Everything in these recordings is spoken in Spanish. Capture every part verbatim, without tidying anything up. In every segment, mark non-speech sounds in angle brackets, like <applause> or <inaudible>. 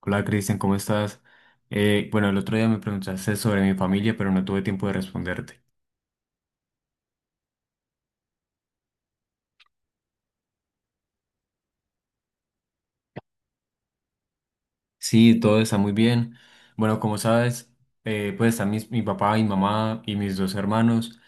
Hola Cristian, ¿cómo estás? Eh, bueno, el otro día me preguntaste sobre mi familia, pero no tuve tiempo de responderte. Sí, todo está muy bien. Bueno, como sabes, eh, pues están mis- mi papá, mi mamá y mis dos hermanos.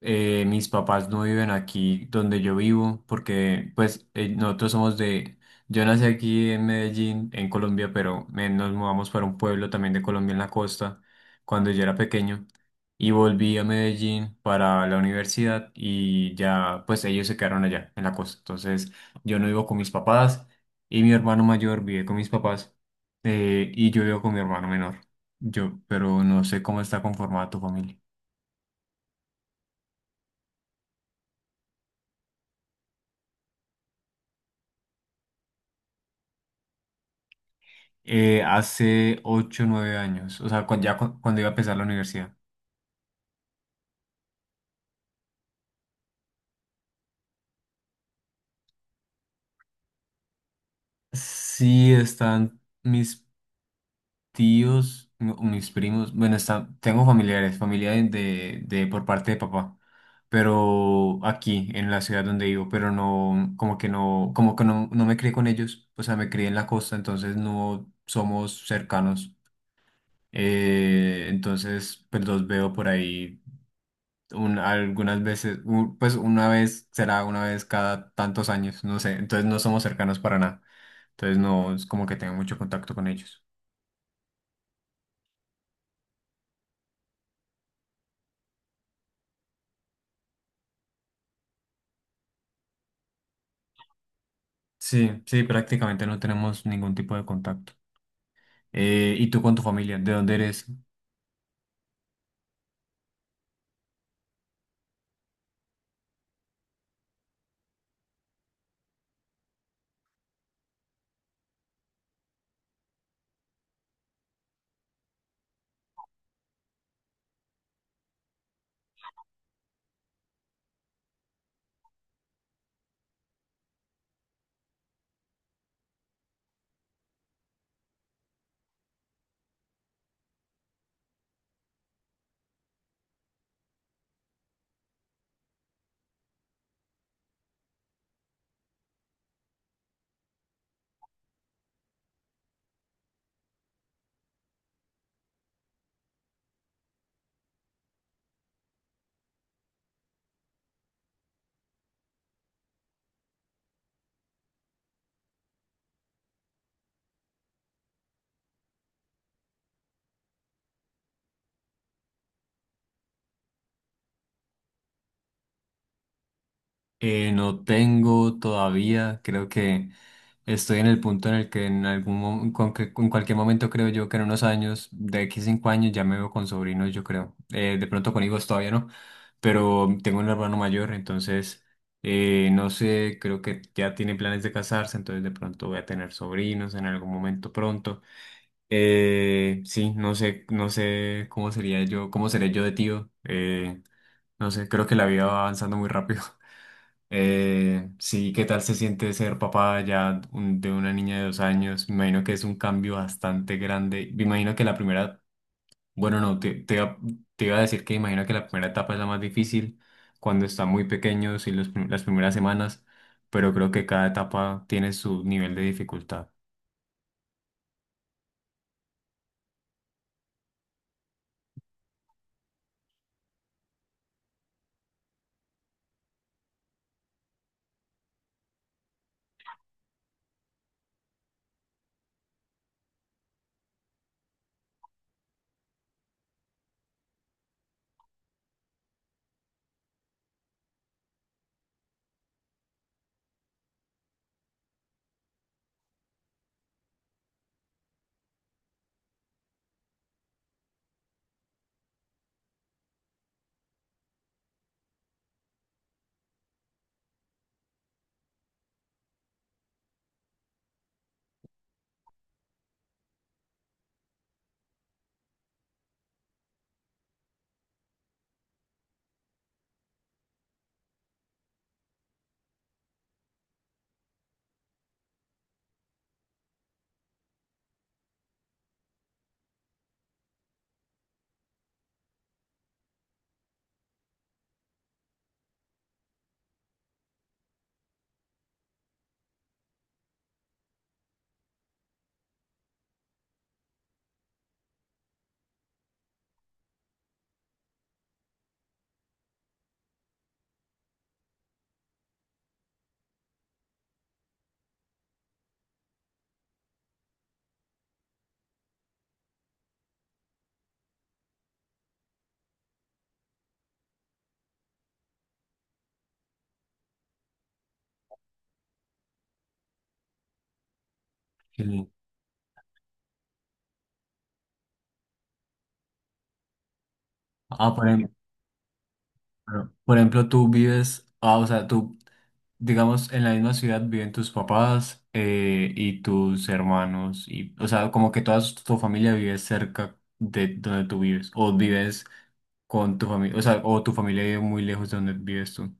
Eh, mis papás no viven aquí donde yo vivo porque pues eh, nosotros somos de... Yo nací aquí en Medellín, en Colombia, pero me- nos mudamos para un pueblo también de Colombia en la costa cuando yo era pequeño y volví a Medellín para la universidad y ya pues ellos se quedaron allá en la costa. Entonces yo no vivo con mis papás y mi hermano mayor vive con mis papás, eh, y yo vivo con mi hermano menor. Yo, pero no sé cómo está conformada tu familia. Eh, hace ocho o nueve años, o sea, cu- ya cu- cuando iba a empezar la universidad. Sí, están mis tíos, no, mis primos, bueno, están, tengo familiares, familia de, de, de- por parte de papá, pero aquí, en la ciudad donde vivo, pero no, como que no, como que no, no me crié con ellos, o sea, me crié en la costa, entonces no somos cercanos. Eh, entonces, pues los veo por ahí un- algunas veces, u- pues una vez, será una vez cada tantos años, no sé, entonces no somos cercanos para nada, entonces no es como que tenga mucho contacto con ellos. Sí, sí, prácticamente no tenemos ningún tipo de contacto. Eh, ¿y tú con tu familia? ¿De dónde eres? Eh, no tengo todavía, creo que estoy en el punto en el que en algún mo- con que- en cualquier momento, creo yo que en unos años, de aquí a cinco años ya me veo con sobrinos, yo creo. Eh, de pronto con hijos todavía no, pero tengo un hermano mayor, entonces eh, no sé, creo que ya tiene planes de casarse, entonces de pronto voy a tener sobrinos en algún momento pronto. Eh, sí, no sé, no sé cómo sería yo, cómo seré yo de tío. Eh, no sé, creo que la vida va avanzando muy rápido. Eh, sí, ¿qué tal se siente ser papá ya un- de una niña de dos años? Me imagino que es un cambio bastante grande. Me imagino que la primera, bueno, no, te, te iba, te iba a decir que imagino que la primera etapa es la más difícil cuando están muy pequeños y los prim- las primeras semanas, pero creo que cada etapa tiene su nivel de dificultad. Sí. Ah, por, claro. Por ejemplo, tú vives, ah, o sea, tú, digamos, en la misma ciudad viven tus papás, eh, y tus hermanos, y, o sea, como que toda su- tu familia vive cerca de donde tú vives, o vives con tu familia, o sea, o tu familia vive muy lejos de donde vives tú.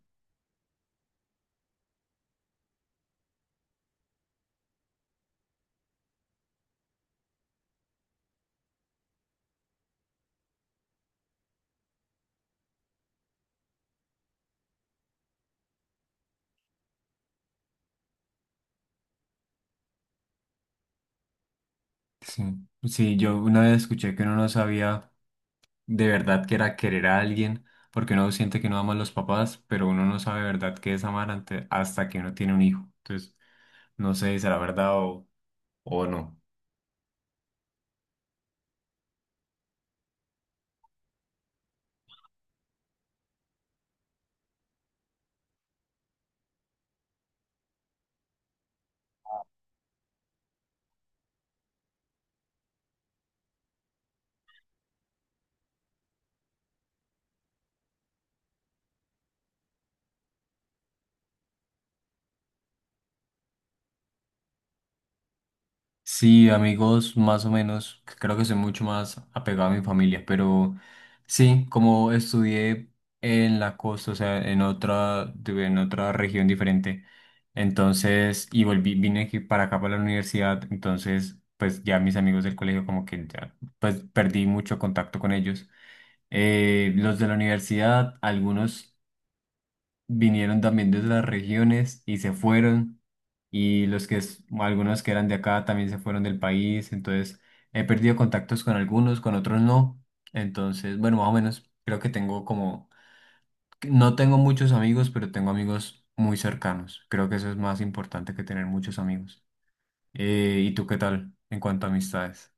Sí. Sí, yo una vez escuché que uno no sabía de verdad que era querer a alguien, porque uno siente que no ama a los papás, pero uno no sabe de verdad qué es amar ante- hasta que uno tiene un hijo. Entonces, no sé si será verdad o, o no. Sí, amigos, más o menos. Creo que soy mucho más apegado a mi familia, pero sí, como estudié en la costa, o sea, en otra, tuve en otra región diferente, entonces, y volví, vine aquí para acá para la universidad, entonces, pues ya mis amigos del colegio como que ya, pues perdí mucho contacto con ellos. Eh, los de la universidad, algunos vinieron también de otras regiones y se fueron. Y los que, es- algunos que eran de acá también se fueron del país. Entonces he perdido contactos con algunos, con otros no. Entonces, bueno, más o menos creo que tengo como, no tengo muchos amigos, pero tengo amigos muy cercanos. Creo que eso es más importante que tener muchos amigos. Eh, ¿y tú qué tal en cuanto a amistades?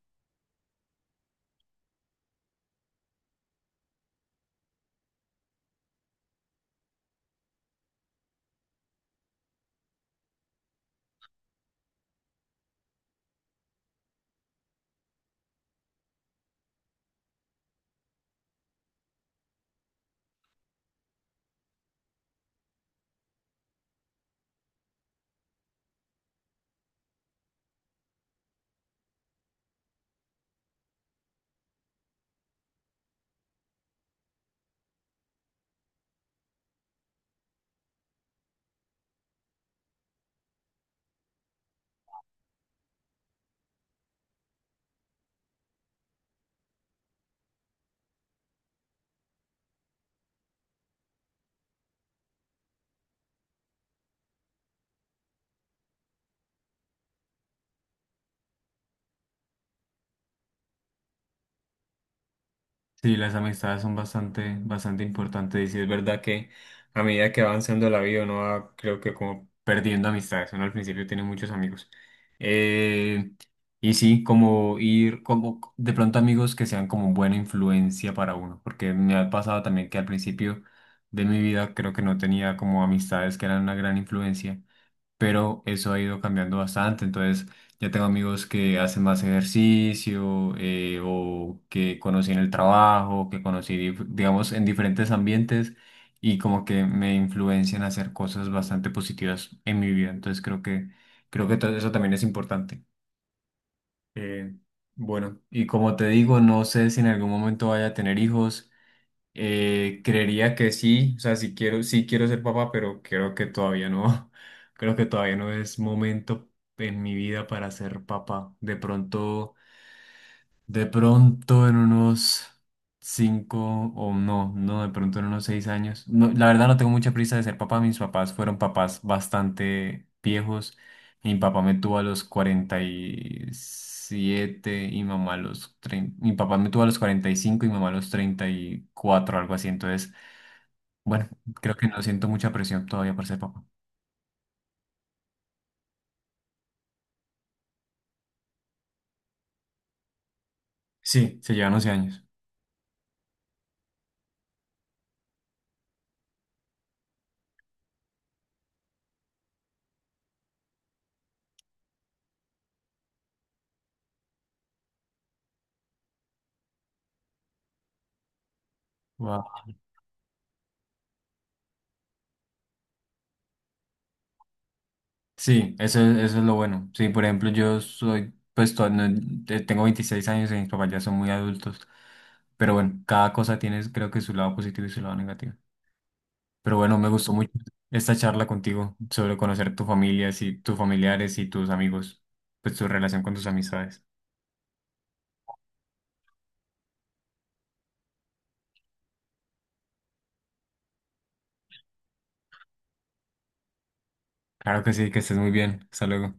Sí, las amistades son bastante, bastante importantes, y sí es verdad que a medida que va avanzando la vida uno va, creo que como perdiendo amistades, uno al principio tiene muchos amigos. Eh, y sí, como ir, como de pronto amigos que sean como buena influencia para uno, porque me ha pasado también que al principio de mi vida creo que no tenía como amistades que eran una gran influencia, pero eso ha ido cambiando bastante. Entonces, ya tengo amigos que hacen más ejercicio, eh, o que conocí en el trabajo, que conocí, dif- digamos, en diferentes ambientes, y como que me influencian a hacer cosas bastante positivas en mi vida. Entonces, creo que, creo que todo eso también es importante. Eh, bueno, y como te digo, no sé si en algún momento vaya a tener hijos. Eh, creería que sí, o sea, sí quiero, sí quiero ser papá, pero creo que todavía no, <laughs> creo que todavía no es momento en mi vida para ser papá. De pronto, de pronto en unos cinco o no, no, de pronto en unos seis años. No, la verdad no tengo mucha prisa de ser papá. Mis papás fueron papás bastante viejos. Mi papá me tuvo a los cuarenta y siete y mamá a los treinta. Mi papá me tuvo a los cuarenta y cinco y mamá a los treinta y cuatro, algo así. Entonces bueno, creo que no siento mucha presión todavía para ser papá. Sí, se llevan once años. Wow. Sí, eso, es- eso es lo bueno. Sí, por ejemplo, yo soy, pues to- no- te- tengo veintiséis años y mis papás ya son muy adultos. Pero bueno, cada cosa tiene creo que su lado positivo y su lado negativo. Pero bueno, me gustó mucho esta charla contigo sobre conocer tu familia, si- tus familiares y tus amigos, pues tu relación con tus amistades. Claro que sí, que estés muy bien. Hasta luego.